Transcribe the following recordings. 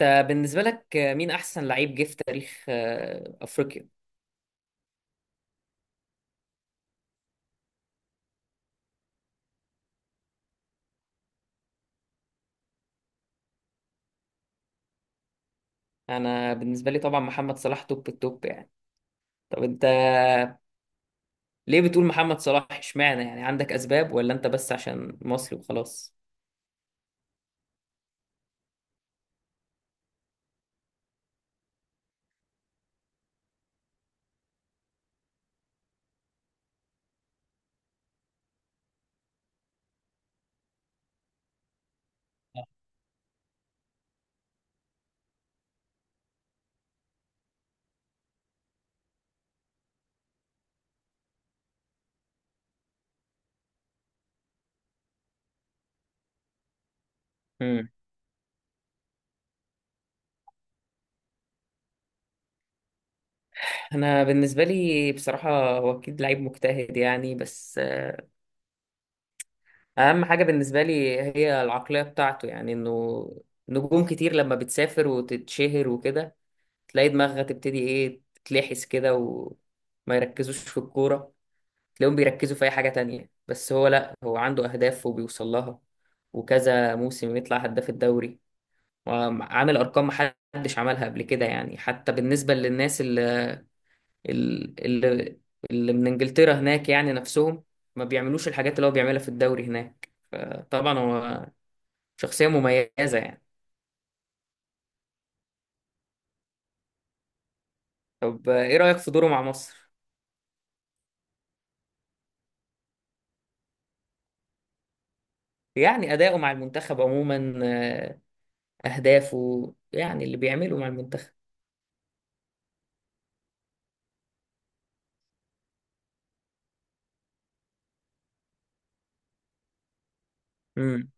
انت بالنسبة لك مين أحسن لعيب جه في تاريخ أفريقيا؟ أنا بالنسبة لي طبعا محمد صلاح توب التوب يعني. طب أنت ليه بتقول محمد صلاح اشمعنى يعني عندك أسباب ولا أنت بس عشان مصري وخلاص؟ مم. أنا بالنسبة لي بصراحة هو أكيد لعيب مجتهد يعني بس أهم حاجة بالنسبة لي هي العقلية بتاعته، يعني إنه نجوم كتير لما بتسافر وتتشهر وكده تلاقي دماغها تبتدي إيه تتلحس كده وما يركزوش في الكورة، تلاقيهم بيركزوا في اي حاجة تانية. بس هو لا، هو عنده اهداف وبيوصل لها، وكذا موسم يطلع هداف الدوري، وعامل ارقام محدش عملها قبل كده يعني. حتى بالنسبة للناس اللي اللي, اللي من انجلترا هناك يعني نفسهم ما بيعملوش الحاجات اللي هو بيعملها في الدوري هناك، فطبعا هو شخصية مميزة يعني. طب ايه رأيك في دوره مع مصر؟ يعني أداؤه مع المنتخب عموما، أهدافه يعني اللي بيعمله مع المنتخب. امم،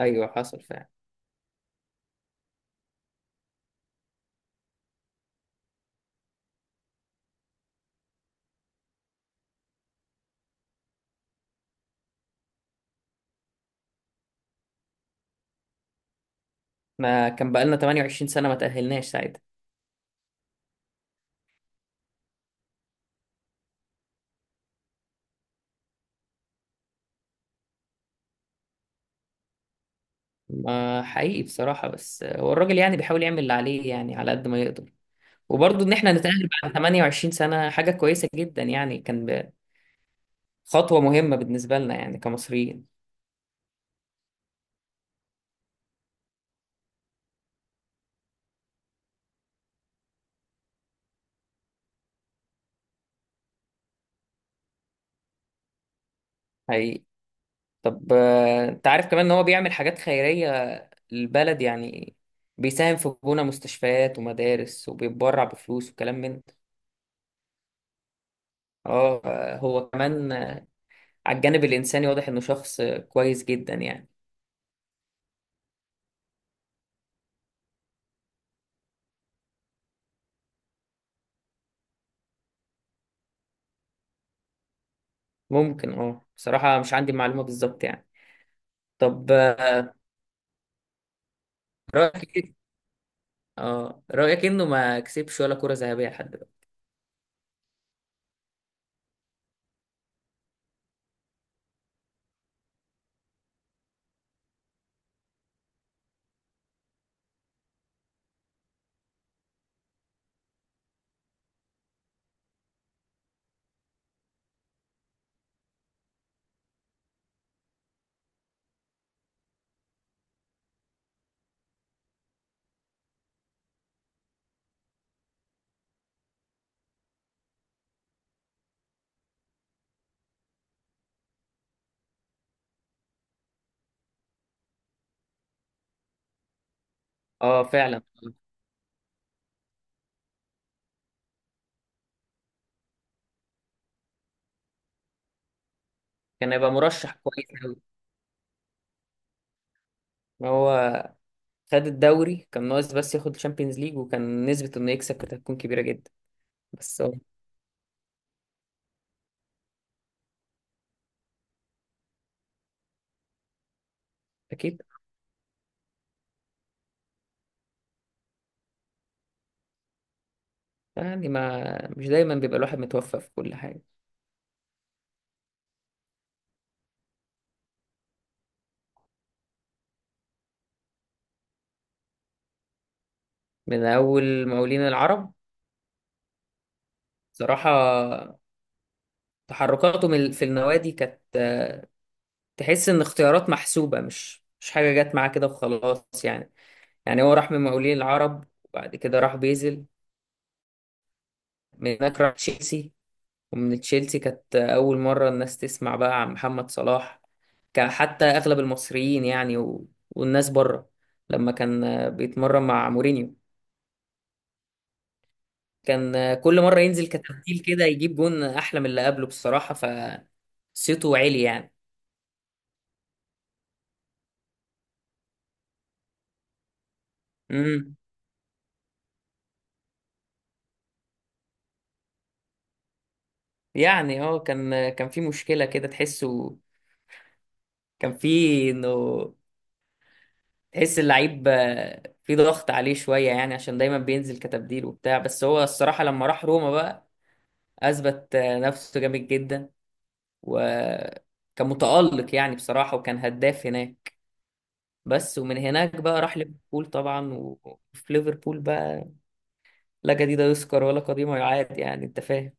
ايوه حصل فعلا. ما كان بقالنا 28 سنة ما تأهلناش ساعتها. ما حقيقي بصراحة، بس هو الراجل يعني بيحاول يعمل اللي عليه يعني على قد ما يقدر. وبرضه إن إحنا نتأهل بعد 28 سنة حاجة كويسة جدا يعني، خطوة مهمة بالنسبة لنا يعني كمصريين. حقيقي. طب أنت عارف كمان إن هو بيعمل حاجات خيرية للبلد يعني، بيساهم في بناء مستشفيات ومدارس وبيتبرع بفلوس وكلام من ده. اه، هو كمان، على الجانب الإنساني واضح إنه شخص كويس جدا يعني. ممكن اه، بصراحة مش عندي معلومة بالظبط يعني. طب رأيك إيه؟ اه رأيك انه ما كسبش ولا كرة ذهبية لحد دلوقتي. اه فعلا، كان هيبقى مرشح كويس قوي. هو خد الدوري، كان ناقص بس ياخد الشامبيونز ليج وكان نسبة انه يكسب كانت هتكون كبيرة جدا. بس هو اكيد يعني، ما مش دايما بيبقى الواحد متوفق في كل حاجة. من اول مقاولين العرب صراحة، تحركاتهم في النوادي كانت، تحس ان اختيارات محسوبة، مش حاجة جت معاه كده وخلاص يعني. يعني هو راح من مقاولين العرب وبعد كده راح بيزل، من هناك راح تشيلسي، ومن تشيلسي كانت أول مرة الناس تسمع بقى عن محمد صلاح. كان حتى أغلب المصريين يعني والناس بره لما كان بيتمرن مع مورينيو، كان كل مرة ينزل كتبديل كده يجيب جون أحلى من اللي قبله بصراحة، فصيته عالي يعني. امم، يعني اه كان في مشكلة كده تحسه، كان في انه تحس اللعيب في ضغط عليه شوية يعني عشان دايما بينزل كتبديل وبتاع. بس هو الصراحة لما راح روما بقى أثبت نفسه جامد جدا، وكان متألق يعني بصراحة، وكان هداف هناك. بس ومن هناك بقى راح ليفربول طبعا، وفي ليفربول بقى لا جديد يذكر ولا قديم يعاد يعني أنت فاهم.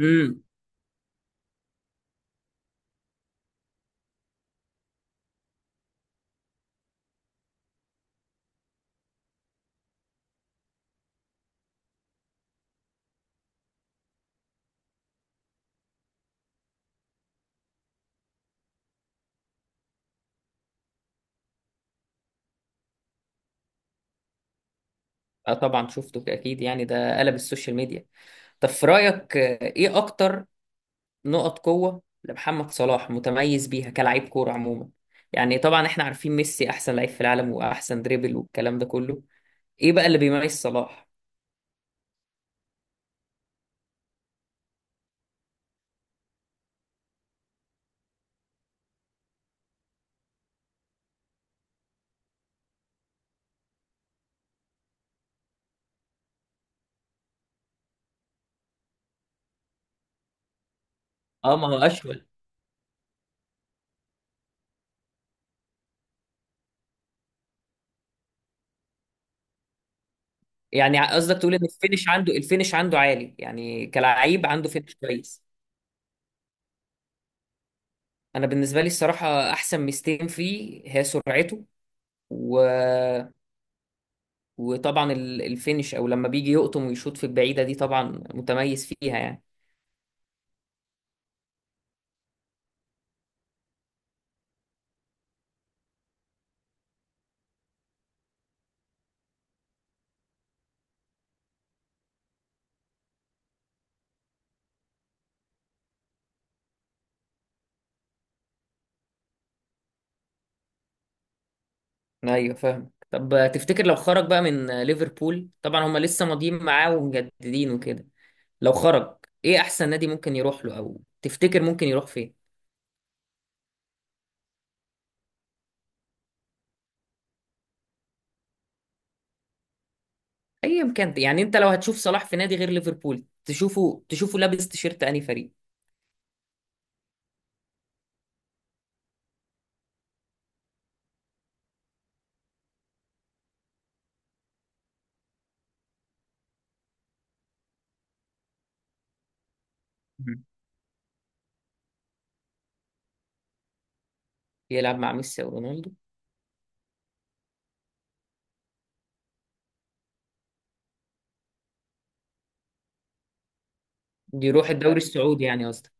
امم. اه طبعا شفته اكيد يعني، ده قلب السوشيال ميديا. طب في رايك ايه اكتر نقط قوة لمحمد صلاح متميز بيها كلاعب كورة عموما؟ يعني طبعا احنا عارفين ميسي احسن لعيب في العالم واحسن دريبل والكلام ده كله، ايه بقى اللي بيميز صلاح؟ اه ما هو اشول. يعني قصدك تقول ان الفينش عنده، الفينش عنده عالي، يعني كلاعب عنده فينش كويس. انا بالنسبة لي الصراحة احسن ميزتين فيه هي سرعته و... وطبعا الفينش، او لما بيجي يقطم ويشوط في البعيدة دي، طبعا متميز فيها يعني. ايوه فاهم. طب تفتكر لو خرج بقى من ليفربول، طبعا هما لسه ماضيين معاه ومجددين وكده، لو خرج ايه احسن نادي ممكن يروح له، او تفتكر ممكن يروح فين؟ ايا كان يعني، انت لو هتشوف صلاح في نادي غير ليفربول، تشوفه، تشوفه لابس تيشيرت انهي فريق؟ مم. يلعب مع ميسي او رونالدو؟ يروح الدوري السعودي يعني قصدي.